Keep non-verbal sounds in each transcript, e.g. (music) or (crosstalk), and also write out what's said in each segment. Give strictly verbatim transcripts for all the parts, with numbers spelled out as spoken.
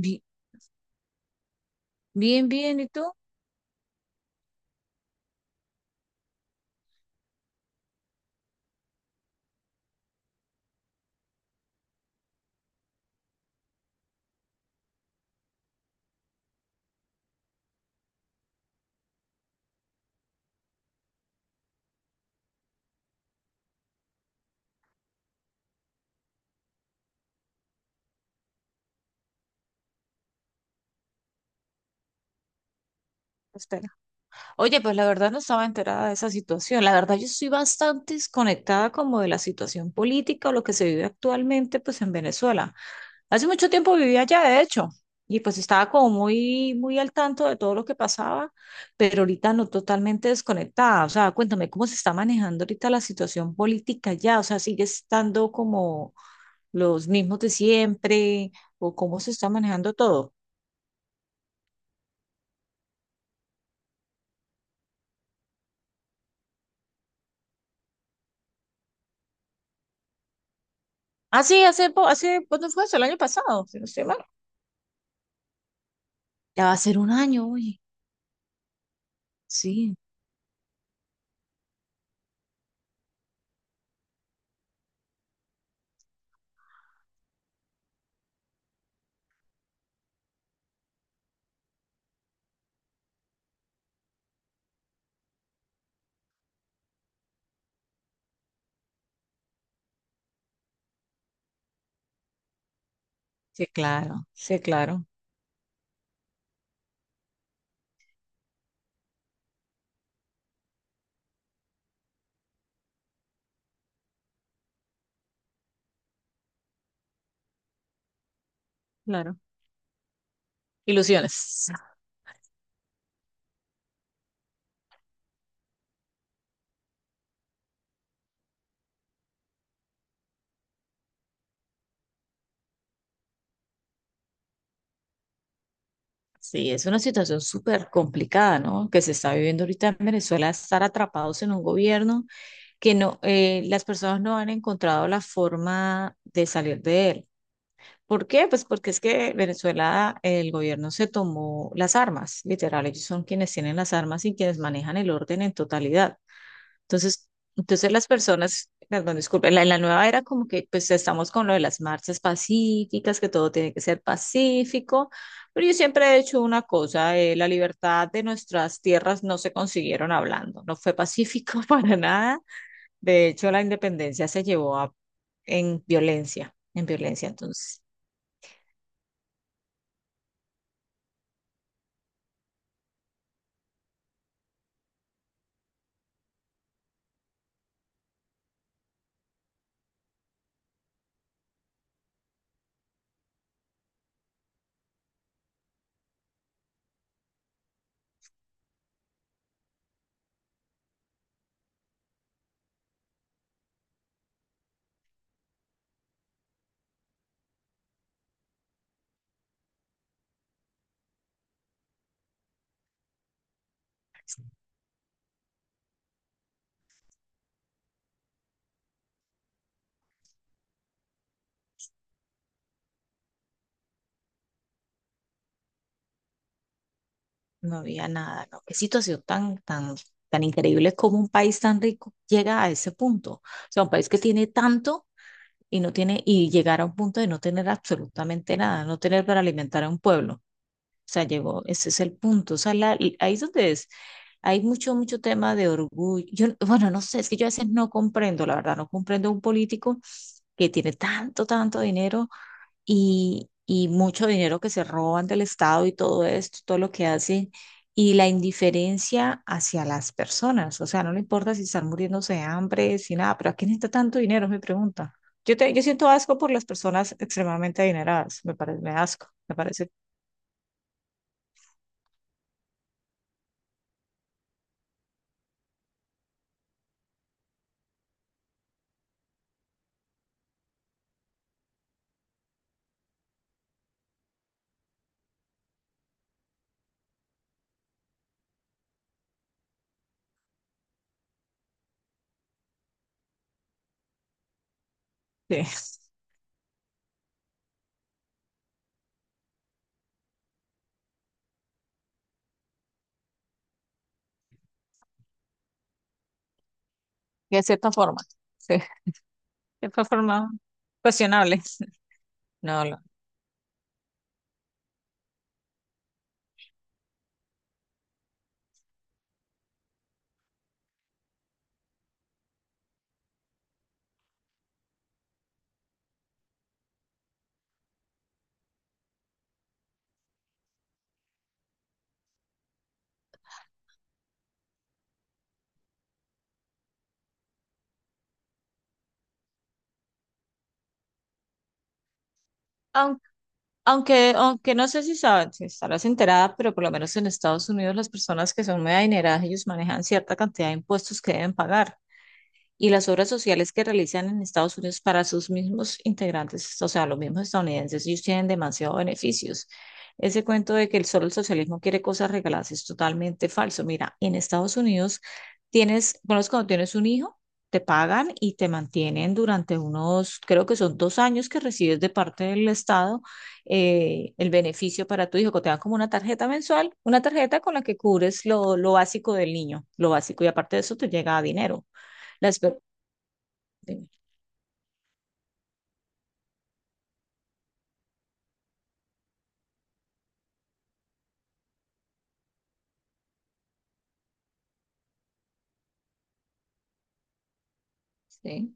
Bi- Bien, bien, ¿y tú? Espera. Oye, pues la verdad no estaba enterada de esa situación. La verdad yo estoy bastante desconectada como de la situación política o lo que se vive actualmente pues en Venezuela. Hace mucho tiempo vivía allá, de hecho, y pues estaba como muy, muy al tanto de todo lo que pasaba, pero ahorita no totalmente desconectada. O sea, cuéntame cómo se está manejando ahorita la situación política allá. O sea, sigue estando como los mismos de siempre o cómo se está manejando todo. Ah, sí, hace, po- hace, ¿cuándo fue eso? El año pasado, si no estoy mal. Ya va a ser un año, oye. Sí, sí, claro, sí, claro, claro. Ilusiones. Sí, es una situación súper complicada, ¿no? Que se está viviendo ahorita en Venezuela, estar atrapados en un gobierno que no, eh, las personas no han encontrado la forma de salir de él. ¿Por qué? Pues porque es que Venezuela, el gobierno se tomó las armas, literal, ellos son quienes tienen las armas y quienes manejan el orden en totalidad. Entonces, entonces las personas, perdón, disculpen, en la, en la nueva era como que pues estamos con lo de las marchas pacíficas, que todo tiene que ser pacífico, pero yo siempre he hecho una cosa, eh, la libertad de nuestras tierras no se consiguieron hablando, no fue pacífico (laughs) para nada, de hecho la independencia se llevó a, en violencia, en violencia, entonces no había nada, ¿no? Qué situación tan, tan, tan increíble como un país tan rico llega a ese punto, o sea, un país que tiene tanto y no tiene, y llegar a un punto de no tener absolutamente nada, no tener para alimentar a un pueblo. O sea, llegó, ese es el punto. O sea, la- y ahí es donde es. Hay mucho, mucho tema de orgullo. Yo, bueno, no sé, es que yo a veces no comprendo, la verdad, no comprendo a un político que tiene tanto, tanto dinero y, y mucho dinero que se roban del Estado y todo esto, todo lo que hacen, y la indiferencia hacia las personas. O sea, no le importa si están muriéndose de hambre, si nada, pero ¿a quién necesita tanto dinero? Es mi pregunta. Yo, te- yo siento asco por las personas extremadamente adineradas, me parece, me da asco, me parece que, (laughs) de cierta forma, sí, de cierta forma cuestionable. (laughs) No, no. Aunque, aunque no sé si sabes, si estarás enterada, pero por lo menos en Estados Unidos las personas que son muy adineradas, ellos manejan cierta cantidad de impuestos que deben pagar y las obras sociales que realizan en Estados Unidos para sus mismos integrantes, o sea, los mismos estadounidenses, ellos tienen demasiados beneficios. Ese cuento de que el solo el socialismo quiere cosas regaladas es totalmente falso. Mira, en Estados Unidos tienes, bueno, es cuando tienes un hijo, te pagan y te mantienen durante unos, creo que son dos años que recibes de parte del Estado eh, el beneficio para tu hijo, que te dan como una tarjeta mensual, una tarjeta con la que cubres lo, lo básico del niño, lo básico, y aparte de eso te llega dinero. Las, sí, sí,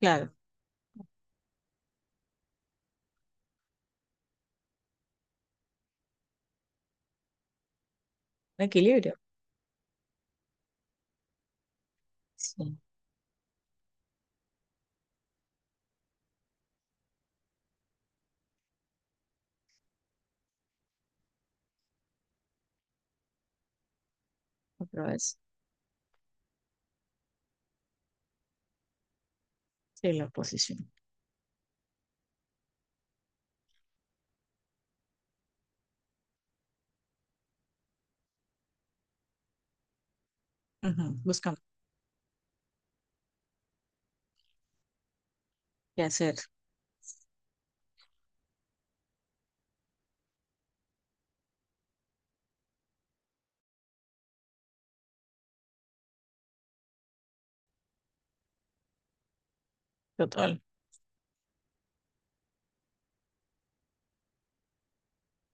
claro, un equilibrio. Sí, otra vez. Sí, la oposición. Ujú, buscan qué hacer. Total.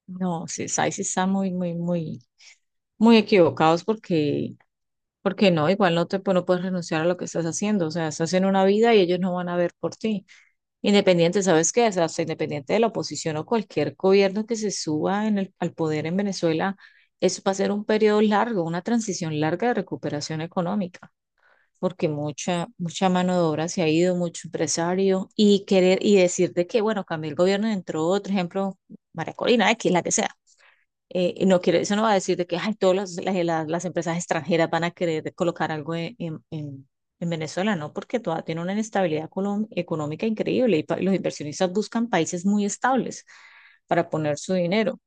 No, sí, ahí sí están muy, muy, muy, muy equivocados porque, porque no, igual no te pues, no puedes renunciar a lo que estás haciendo. O sea, estás en una vida y ellos no van a ver por ti. Independiente, ¿sabes qué? O sea, hasta independiente de la oposición o cualquier gobierno que se suba en el, al poder en Venezuela, eso va a ser un periodo largo, una transición larga de recuperación económica. Porque mucha, mucha mano de obra se ha ido, mucho empresario, y querer y decir de que, bueno, cambió el gobierno, entró otro ejemplo, María Corina, X, la que sea. Eh, no quiere, eso no va a decir de que ay, todas las, las- las- las empresas extranjeras van a querer colocar algo en, en- en- en Venezuela, ¿no? Porque todavía tiene una inestabilidad colom- económica increíble y pa- los inversionistas buscan países muy estables para poner su dinero.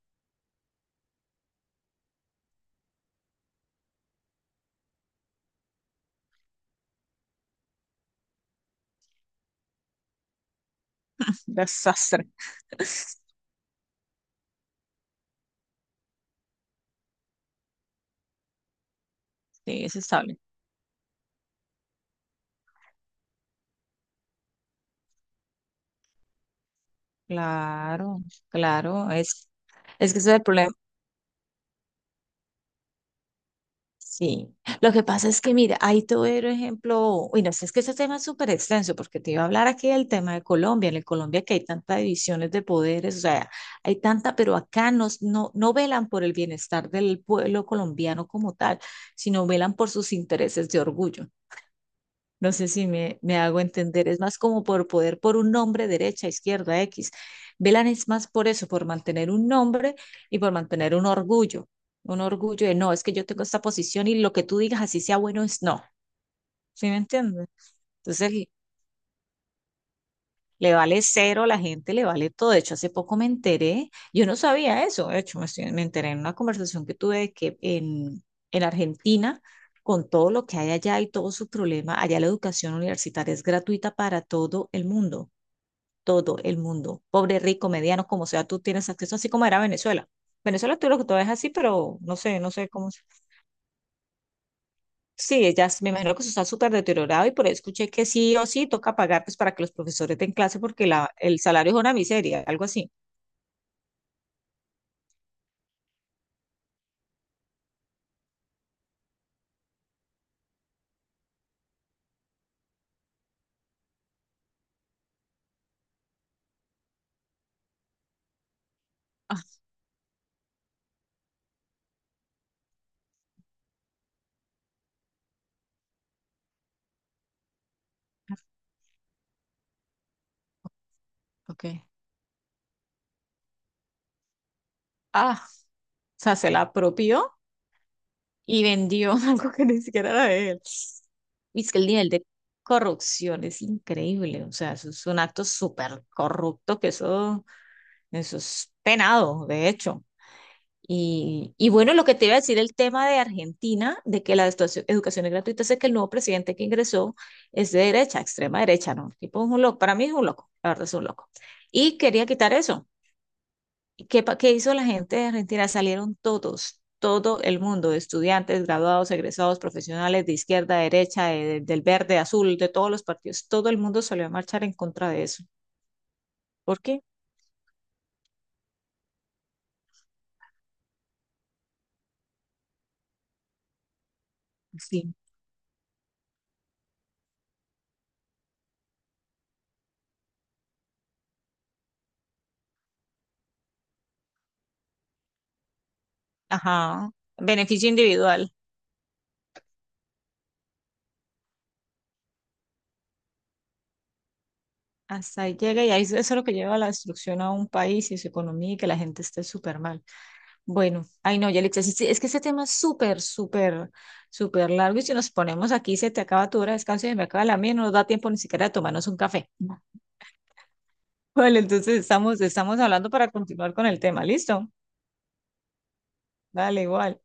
(laughs) Desastre. Sí, es estable. Claro, claro, es, es que ese es el problema. Sí, lo que pasa es que, mira, ahí te voy a dar un ejemplo, uy, no, sé es que este tema es súper extenso, porque te iba a hablar aquí del tema de Colombia, en el Colombia que hay tantas divisiones de poderes, o sea, hay tanta, pero acá nos, no, no velan por el bienestar del pueblo colombiano como tal, sino velan por sus intereses de orgullo. No sé si me, me hago entender. Es más como por poder, por un nombre, derecha, izquierda, X. Velan es más por eso, por mantener un nombre y por mantener un orgullo. Un orgullo de no, es que yo tengo esta posición y lo que tú digas, así sea bueno, es no. ¿Sí me entiendes? Entonces, le vale cero la gente, le vale todo. De hecho, hace poco me enteré, yo no sabía eso, de hecho, me, estoy- me enteré en una conversación que tuve de que en, en Argentina, con todo lo que hay allá y todo su problema, allá la educación universitaria es gratuita para todo el mundo, todo el mundo, pobre, rico, mediano, como sea, tú tienes acceso, así como era Venezuela. Venezuela tú lo que tú ves así, pero no sé, no sé cómo. Sí, ellas, me imagino que eso está súper deteriorado y por ahí escuché que sí o sí toca pagar pues para que los profesores den clase porque la, el salario es una miseria, algo así. (laughs) Ah, ok. Ah, o sea, se la apropió y vendió (laughs) algo que ni siquiera era de él. Y es que el nivel de corrupción es increíble, o sea, eso es un acto súper corrupto que eso, eso es penado, de hecho. Y, y bueno, lo que te iba a decir el tema de Argentina, de que la estuaci- educación es gratuita, es que el nuevo presidente que ingresó es de derecha, extrema derecha, ¿no? Tipo es un loco, para mí es un loco, la verdad es un loco. Y quería quitar eso. ¿Y ¿qué, pa- qué hizo la gente de Argentina? Salieron todos, todo el mundo, estudiantes, graduados, egresados, profesionales de izquierda, derecha, de- del verde, azul, de todos los partidos, todo el mundo salió a marchar en contra de eso. ¿Por qué? Sí. Ajá. Beneficio individual. Hasta ahí llega y ahí es- eso es lo que lleva a la destrucción a un país y su economía y que la gente esté súper mal. Bueno, ay no, Yelitza, sí, sí, es que este tema es súper, súper, súper largo y si nos ponemos aquí se te acaba tu hora de descanso y se me acaba la mía, no nos da tiempo ni siquiera de tomarnos un café. (laughs) Vale, entonces estamos, estamos hablando para continuar con el tema, ¿listo? Vale, igual.